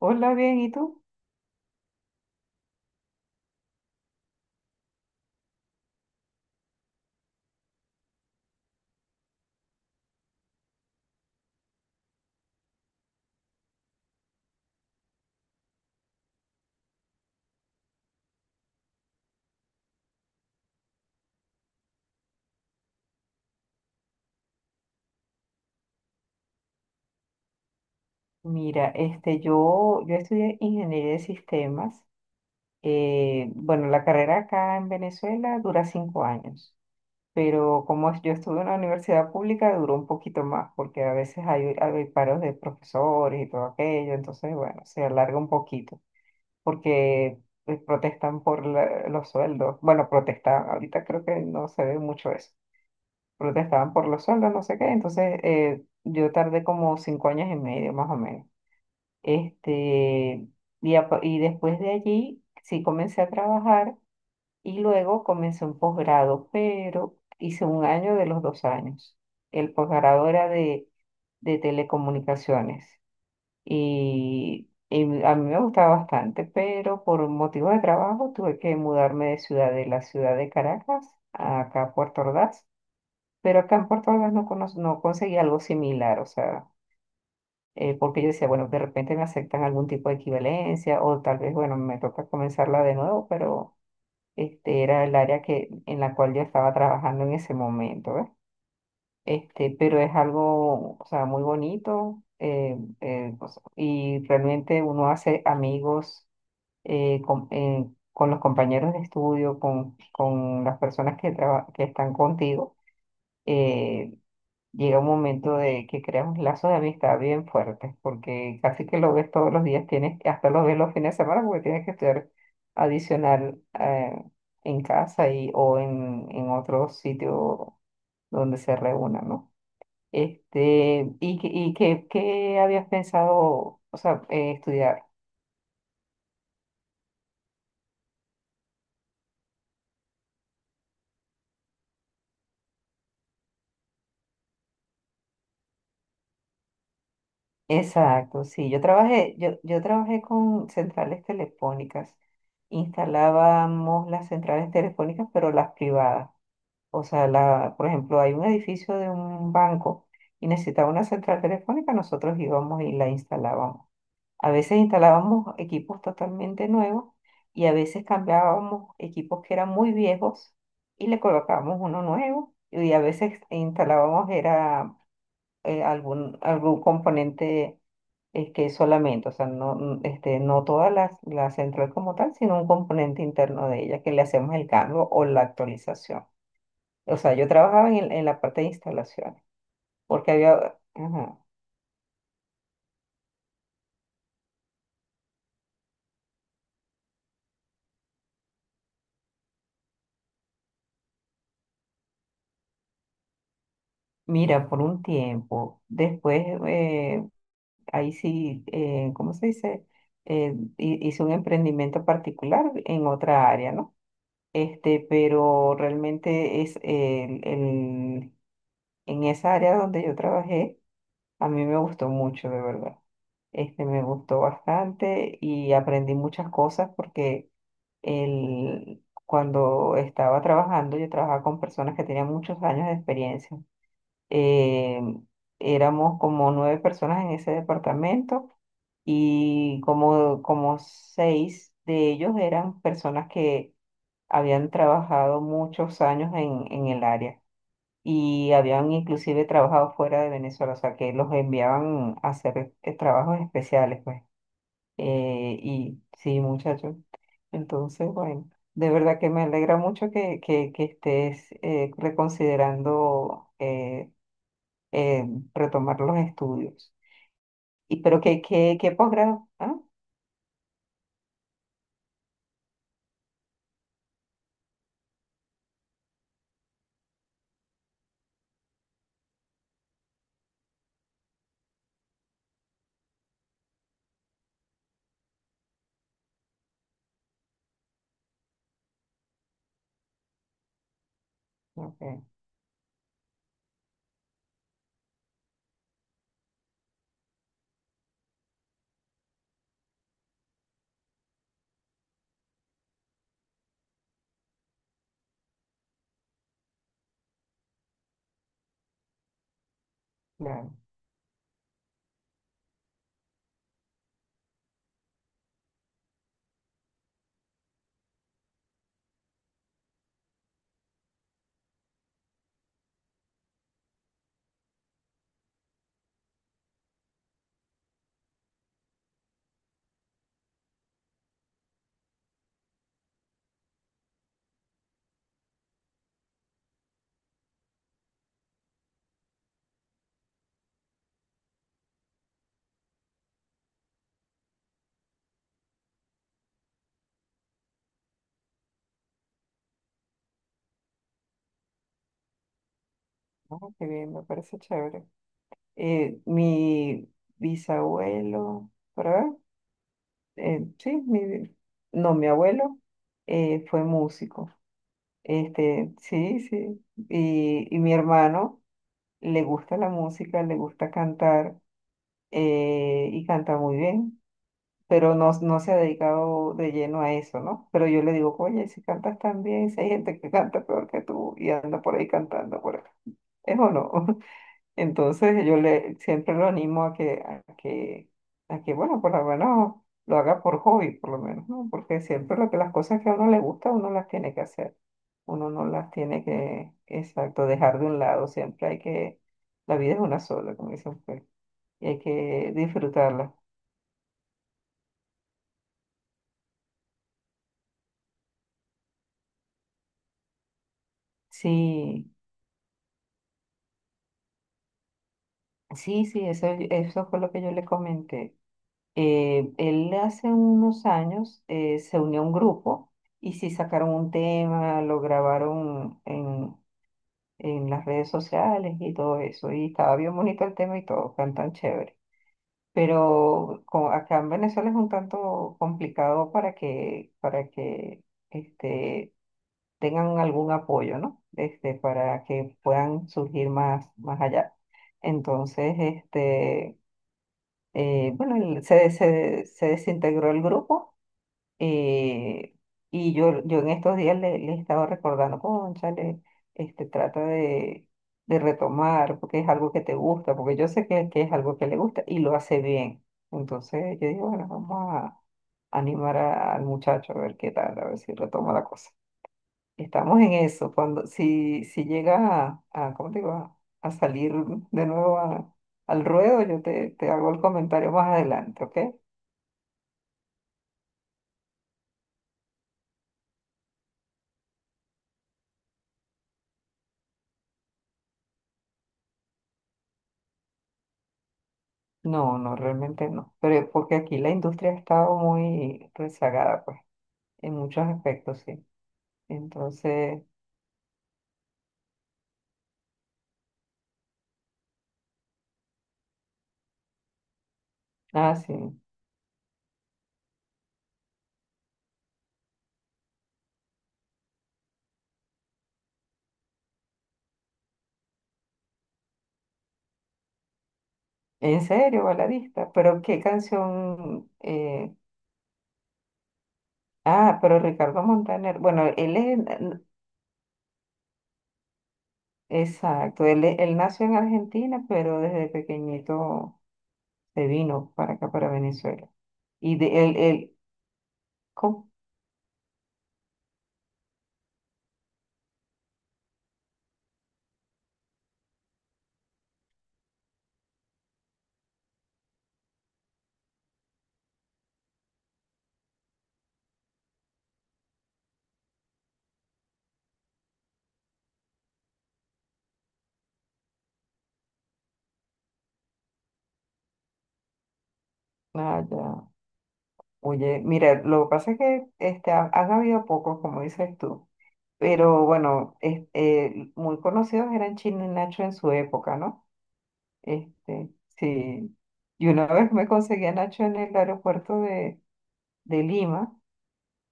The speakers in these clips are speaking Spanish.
Hola, bien, ¿y tú? Mira, este, yo estudié ingeniería de sistemas. Bueno, la carrera acá en Venezuela dura 5 años, pero yo estuve en la universidad pública duró un poquito más, porque a veces hay paros de profesores y todo aquello, entonces, bueno, se alarga un poquito, porque protestan por los sueldos. Bueno, protestaban, ahorita creo que no se ve mucho eso. Protestaban por los sueldos, no sé qué, entonces yo tardé como 5 años y medio más o menos. Este, y después de allí sí comencé a trabajar y luego comencé un posgrado, pero hice un año de los 2 años. El posgrado era de telecomunicaciones y a mí me gustaba bastante, pero por motivos de trabajo tuve que mudarme de ciudad, de la ciudad de Caracas a acá a Puerto Ordaz, pero acá en Puerto Ordaz no, cono no conseguí algo similar, o sea porque yo decía, bueno, de repente me aceptan algún tipo de equivalencia o tal vez, bueno, me toca comenzarla de nuevo, pero este era el área que, en la cual yo estaba trabajando en ese momento, ¿ves? Este, pero es algo, o sea, muy bonito o sea, y realmente uno hace amigos eh, con, eh, con los compañeros de estudio, con las personas que, que están contigo. eh, Llega un momento de que creamos lazos de amistad bien fuertes, porque casi que lo ves todos los días, tienes, hasta lo ves los fines de semana porque tienes que estudiar adicional en casa y, o en otro sitio donde se reúnan, ¿no? Este, ¿y qué habías pensado, o sea, estudiar? Exacto, sí, yo trabajé con centrales telefónicas, instalábamos las centrales telefónicas, pero las privadas. O sea, la, por ejemplo, hay un edificio de un banco y necesitaba una central telefónica, nosotros íbamos y la instalábamos. A veces instalábamos equipos totalmente nuevos y a veces cambiábamos equipos que eran muy viejos y le colocábamos uno nuevo y a veces instalábamos era algún componente que solamente, o sea, no, este, no toda la central como tal, sino un componente interno de ella que le hacemos el cambio o la actualización. O sea, yo trabajaba en, en la parte de instalaciones, porque había, ajá, mira, por un tiempo, después, ahí sí, ¿cómo se dice? Hice un emprendimiento particular en otra área, ¿no? Este, pero realmente es en esa área donde yo trabajé. A mí me gustó mucho, de verdad. Este me gustó bastante y aprendí muchas cosas porque cuando estaba trabajando, yo trabajaba con personas que tenían muchos años de experiencia. Eh, Éramos como nueve personas en ese departamento y como, como seis de ellos eran personas que habían trabajado muchos años en el área y habían inclusive trabajado fuera de Venezuela, o sea, que los enviaban a hacer trabajos especiales, pues. Y sí, muchachos. Entonces, bueno, de verdad que me alegra mucho que estés reconsiderando eh, retomar los estudios. Y, pero ¿qué posgrado? Ah, ok, claro. Ah, qué bien, me parece chévere. Mi bisabuelo, ¿verdad? Sí, mi, no, mi abuelo fue músico. Este, sí, sí. Y mi hermano le gusta la música, le gusta cantar y canta muy bien, pero no, no se ha dedicado de lleno a eso, ¿no? Pero yo le digo, oye, si cantas tan bien, si hay gente que canta peor que tú y anda por ahí cantando por acá. ¿Es o no? Entonces yo le siempre lo animo a que, bueno, por lo menos lo haga por hobby, por lo menos, ¿no? Porque siempre lo que las cosas que a uno le gusta, uno las tiene que hacer. Uno no las tiene que, exacto, dejar de un lado. Siempre la vida es una sola, como dicen ustedes, y hay que disfrutarla. Sí, sí, sí, eso fue lo que yo le comenté. Él hace unos años se unió a un grupo y sí sacaron un tema, lo grabaron en las redes sociales y todo eso. Y estaba bien bonito el tema y todo, cantan chévere. Pero acá en Venezuela es un tanto complicado para que este, tengan algún apoyo, ¿no? Este, para que puedan surgir más, más allá. Entonces, este, bueno, se desintegró el grupo eh, y yo en estos días le estaba recordando, cónchale, este, trata de retomar porque es algo que te gusta, porque yo sé que es algo que le gusta y lo hace bien. Entonces yo digo, bueno, vamos a animar al muchacho a ver qué tal, a ver si retoma la cosa. Estamos en eso, cuando, si llega ¿cómo te digo? A salir de nuevo al ruedo, yo te hago el comentario más adelante, ¿ok? No, no, realmente no. Pero porque aquí la industria ha estado muy rezagada, pues, en muchos aspectos, sí. Entonces, ah, sí. En serio, baladista. Pero qué canción. Ah, pero Ricardo Montaner. Bueno, él es. Exacto, él, él nació en Argentina, pero desde pequeñito se vino para acá, para Venezuela. Y de él. ¿Cómo? Ah, ya. Oye, mira, lo que pasa es que este, han habido pocos, como dices tú. Pero bueno, muy conocidos eran Chino y Nacho en su época, ¿no? Este, sí. Y una vez me conseguí a Nacho en el aeropuerto de Lima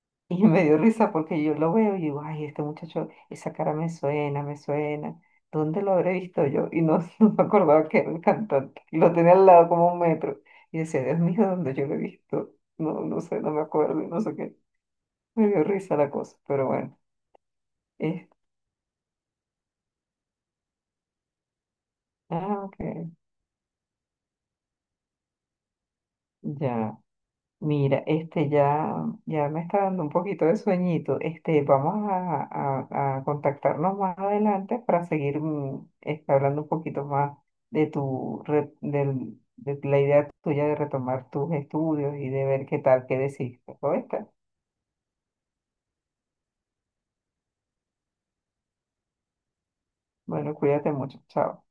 y me dio risa porque yo lo veo y digo, ay, este muchacho, esa cara me suena, me suena. ¿Dónde lo habré visto yo? Y no, no me acordaba que era el cantante. Y lo tenía al lado como 1 metro. Y decía, Dios mío, ¿dónde yo lo he visto? No, no sé, no me acuerdo y no sé qué. Me dio risa la cosa, pero bueno. es- ah, ok, ya. Mira, este ya, ya me está dando un poquito de sueñito. Este, vamos a contactarnos más adelante para seguir este, hablando un poquito más de tu re- del- de la idea tuya de retomar tus estudios y de ver qué tal, qué decidiste. ¿Oíste? Bueno, cuídate mucho. Chao.